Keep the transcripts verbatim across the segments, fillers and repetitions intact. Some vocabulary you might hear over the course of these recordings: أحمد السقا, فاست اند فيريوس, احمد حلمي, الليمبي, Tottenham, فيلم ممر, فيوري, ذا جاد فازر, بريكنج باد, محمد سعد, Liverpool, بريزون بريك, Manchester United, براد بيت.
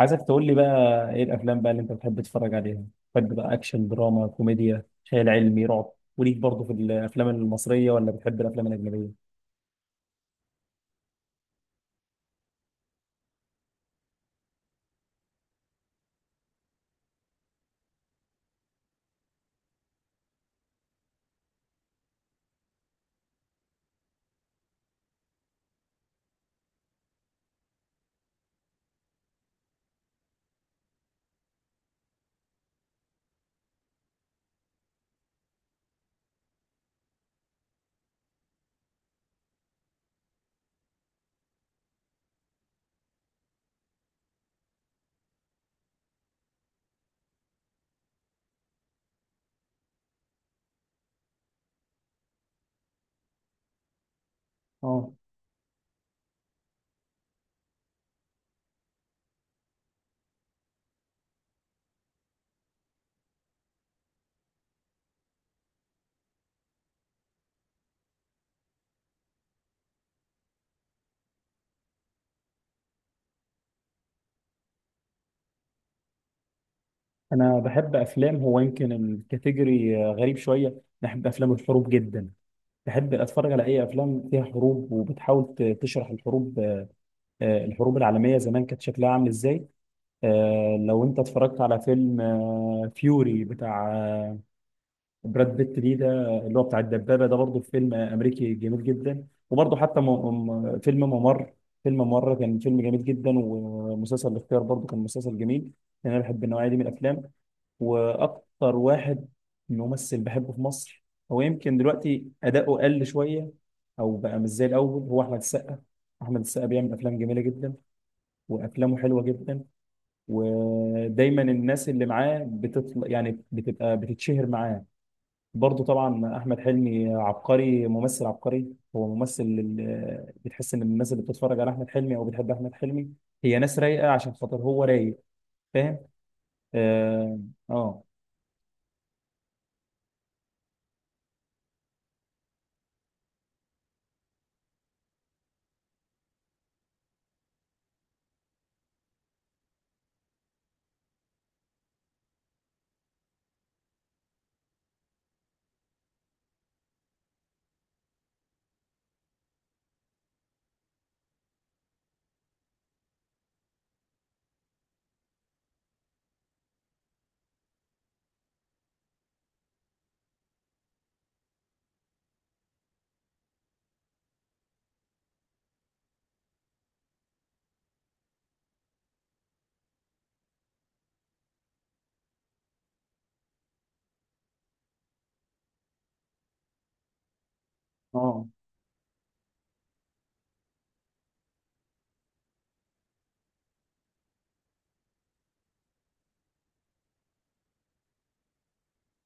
عايزك تقول لي بقى ايه الافلام بقى اللي انت بتحب تتفرج عليها؟ بتحب بقى اكشن، دراما، كوميديا، خيال علمي، رعب؟ وليك برضه في الافلام المصريه ولا بتحب الافلام الاجنبيه؟ اه، انا بحب افلام، هو يمكن الكاتيجوري غريب شويه، بحب افلام الحروب جدا. بحب اتفرج على اي افلام فيها حروب وبتحاول ت- تشرح الحروب، آه، الحروب العالميه زمان كانت شكلها عامل ازاي. آه، لو انت اتفرجت على فيلم آه، فيوري بتاع آه، براد بيت دي ده، اللي هو بتاع الدبابة ده، برضه فيلم أمريكي جميل جدا. وبرضه حتى م... م... فيلم ممر، فيلم ممر كان فيلم جميل جدا. ومسلسل الاختيار برضه كان مسلسل جميل، لأن أنا بحب النوعية دي من الأفلام. وأكتر واحد ممثل بحبه في مصر، هو يمكن دلوقتي أداؤه قل شوية أو بقى مش زي الأول، هو أحمد السقا. أحمد السقا بيعمل أفلام جميلة جدا، وأفلامه حلوة جدا، ودايما الناس اللي معاه بتطلع يعني بتبقى بتتشهر معاه. برضه طبعا احمد حلمي عبقري، ممثل عبقري، هو ممثل ال- بتحس ان الناس اللي بتتفرج على احمد حلمي او بتحب احمد حلمي هي ناس رايقه عشان خاطر هو رايق. فاهم؟ اه. اه. آه.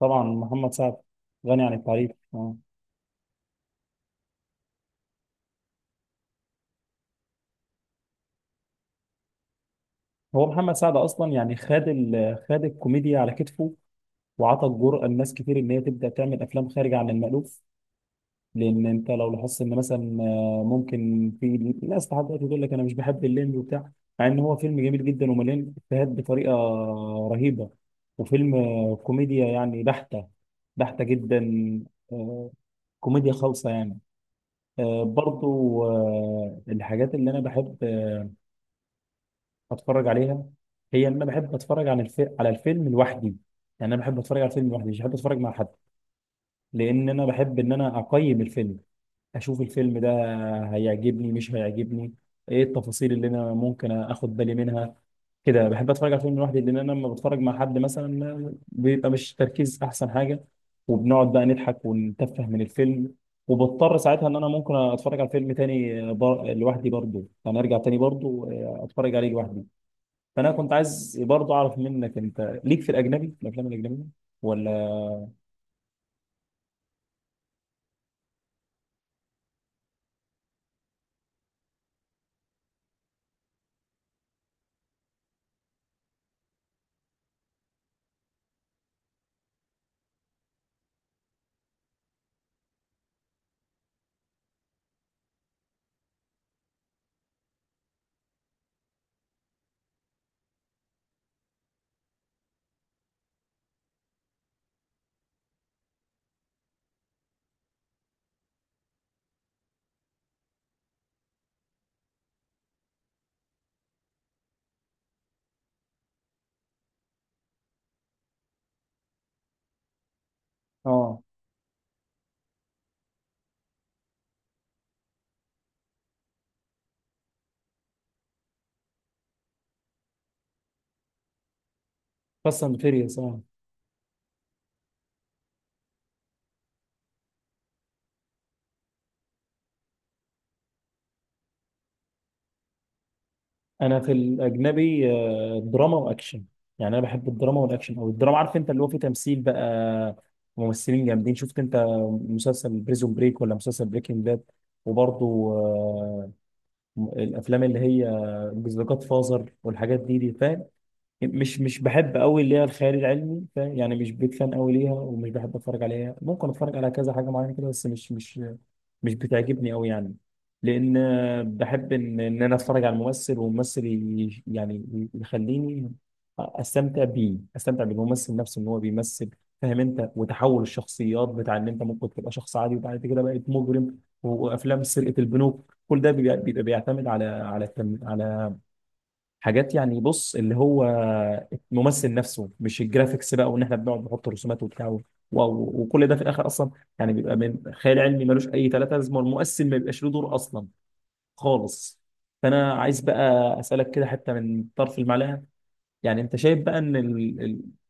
طبعا محمد سعد غني عن التعريف، اه. هو محمد سعد اصلا يعني خد ال- خد الكوميديا على كتفه، وعطى الجرأة لناس كتير ان هي تبدا تعمل افلام خارجه عن المألوف. لان انت لو لاحظت ان مثلا آه، ممكن في ناس لحد دلوقتي تقول لك انا مش بحب الليمبي وبتاع، مع ان هو فيلم جميل جدا ومليان افيهات بطريقه رهيبه، وفيلم آه، كوميديا يعني بحته، بحته جدا. آه، كوميديا خالصه يعني. آه، برضو آه، الحاجات اللي انا بحب آه، اتفرج عليها، هي ان انا بحب اتفرج على الفيلم، على الفيلم لوحدي. يعني انا بحب اتفرج على الفيلم لوحدي، مش بحب اتفرج مع حد، لان انا بحب ان انا اقيم الفيلم، اشوف الفيلم ده هيعجبني مش هيعجبني، ايه التفاصيل اللي انا ممكن اخد بالي منها. كده بحب اتفرج على فيلم لوحدي، لان انا لما بتفرج مع حد مثلا بيبقى مش تركيز احسن حاجه، وبنقعد بقى نضحك ونتفه من الفيلم. وبضطر ساعتها ان انا ممكن اتفرج على فيلم تاني بر... لوحدي برضه، يعني ارجع تاني برضه اتفرج عليه لوحدي. فانا كنت عايز برضه اعرف منك انت ليك في الاجنبي الافلام الاجنبيه ولا؟ اه، فاست اند فيريوس. انا في الاجنبي آه، دراما واكشن، يعني انا بحب الدراما والاكشن، او الدراما عارف انت اللي هو فيه تمثيل بقى، ممثلين جامدين. شفت انت مسلسل بريزون بريك ولا مسلسل بريكنج باد؟ وبرضه آه، الافلام اللي هي ذا جاد فازر والحاجات دي دي، فاهم؟ مش مش بحب قوي اللي هي الخيال العلمي، فاهم يعني؟ مش بيك فان قوي ليها ومش بحب اتفرج عليها، ممكن اتفرج على كذا حاجه معينه كده، بس مش مش مش بتعجبني قوي يعني. لان آه، بحب ان ان انا اتفرج على الممثل، والممثل ي- يعني يخليني استمتع بيه، استمتع بالممثل نفسه ان هو بيمثل. فاهم انت؟ وتحول الشخصيات بتاع، ان انت ممكن تبقى شخص عادي وبعد كده بقيت مجرم، وافلام سرقه البنوك، كل ده بيبقى بيبقى بيعتمد على على التم- على حاجات، يعني بص اللي هو الممثل نفسه مش الجرافيكس بقى، وان احنا بنقعد نحط رسومات وبتاع و- و- وكل ده في الاخر اصلا يعني بيبقى من خيال علمي ملوش اي ثلاثه لازمه، والمؤثر ما بيبقاش له دور اصلا خالص. فانا عايز بقى اسالك كده حتى من طرف المعلقه، يعني انت شايف بقى ان ال-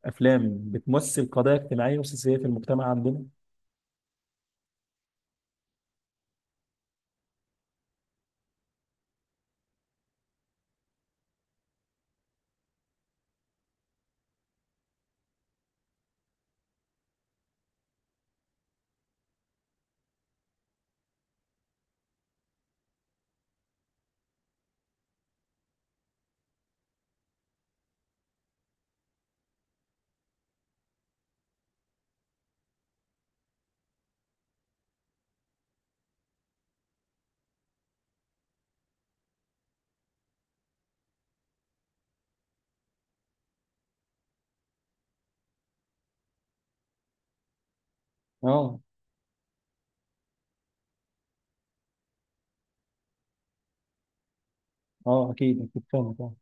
الافلام بتمثل قضايا اجتماعيه وسياسيه في المجتمع عندنا؟ اه. اه اكيد، اكيد فاهمك.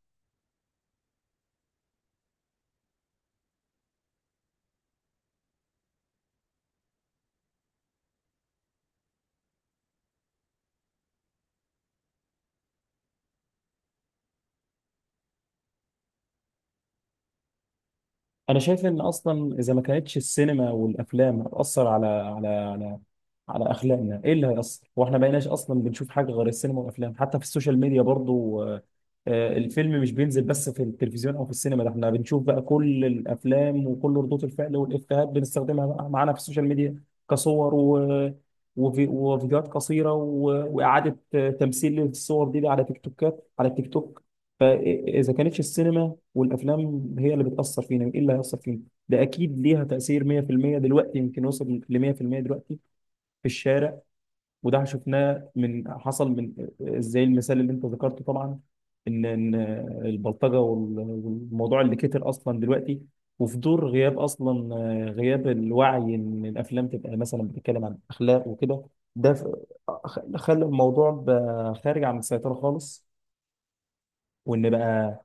انا شايف ان اصلا اذا ما كانتش السينما والافلام هتاثر على على على على اخلاقنا، ايه اللي هيأثر؟ واحنا بقيناش اصلا بنشوف حاجه غير السينما والافلام، حتى في السوشيال ميديا برضو. آه، آه، الفيلم مش بينزل بس في التلفزيون او في السينما، ده احنا بنشوف بقى كل الافلام وكل ردود الفعل والافيهات بنستخدمها بقى معانا في السوشيال ميديا، كصور و وفي- وفيديوهات قصيره و- واعاده آه، تمثيل للصور دي على تيك توكات، على تيك توك. فاذا كانتش السينما والافلام هي اللي بتاثر فينا، ايه اللي هيأثر فينا؟ ده اكيد ليها تاثير مئة في المئة، دلوقتي يمكن وصل ل مئة في المئة دلوقتي في الشارع. وده شفناه من حصل من زي المثال اللي انت ذكرته طبعا، ان ان البلطجه وال- والموضوع اللي كتر اصلا دلوقتي، وفي دور غياب اصلا، غياب الوعي ان الافلام تبقى مثلا بتتكلم عن اخلاق وكده، ده ف- خلى الموضوع بقى خارج عن السيطره خالص. وان بقى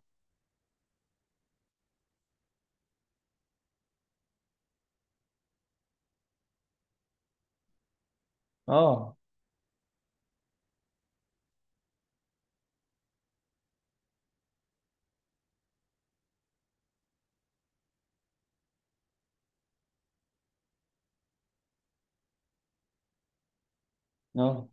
اه. اه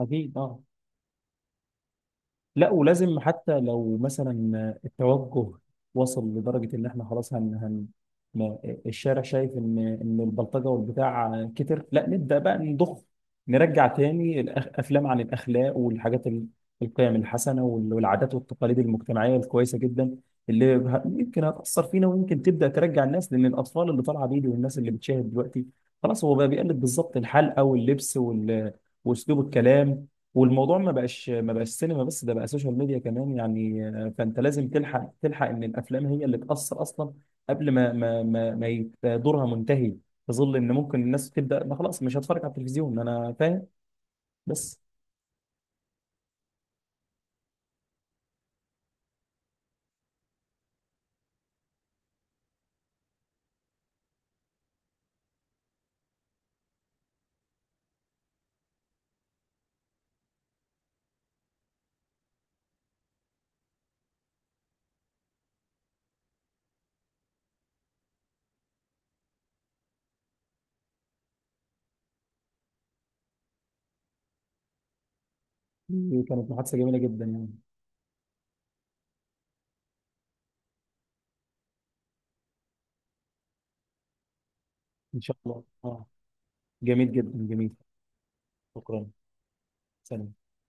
اكيد اه. لا ولازم، حتى لو مثلا التوجه وصل لدرجة إن إحنا خلاص هن هن ما- الشارع شايف إن إن البلطجة والبتاع كتر، لا نبدأ بقى نضخ، نرجع تاني الأفلام عن الأخلاق والحاجات ال- القيم الحسنة وال- والعادات والتقاليد المجتمعية الكويسة جدا، اللي ه- يمكن هتأثر فينا ويمكن تبدأ ترجع الناس. لأن الأطفال اللي طالعة بيدي والناس اللي بتشاهد دلوقتي خلاص هو بقى بيقلد بالظبط الحلقة واللبس وال- وأسلوب الكلام. والموضوع ما بقاش ما بقاش سينما بس، ده بقى سوشيال ميديا كمان يعني. آه، فانت لازم تلحق، تلحق ان الافلام هي اللي تاثر اصلا قبل ما ما ما, ما يبقى دورها منتهي، في ظل ان ممكن الناس تبدا ما خلاص مش هتفرج على التلفزيون. انا فاهم، بس دي كانت محادثه جميله جدا يعني. ان شاء الله اه. جميل جدا، جميل. شكرا، سلام.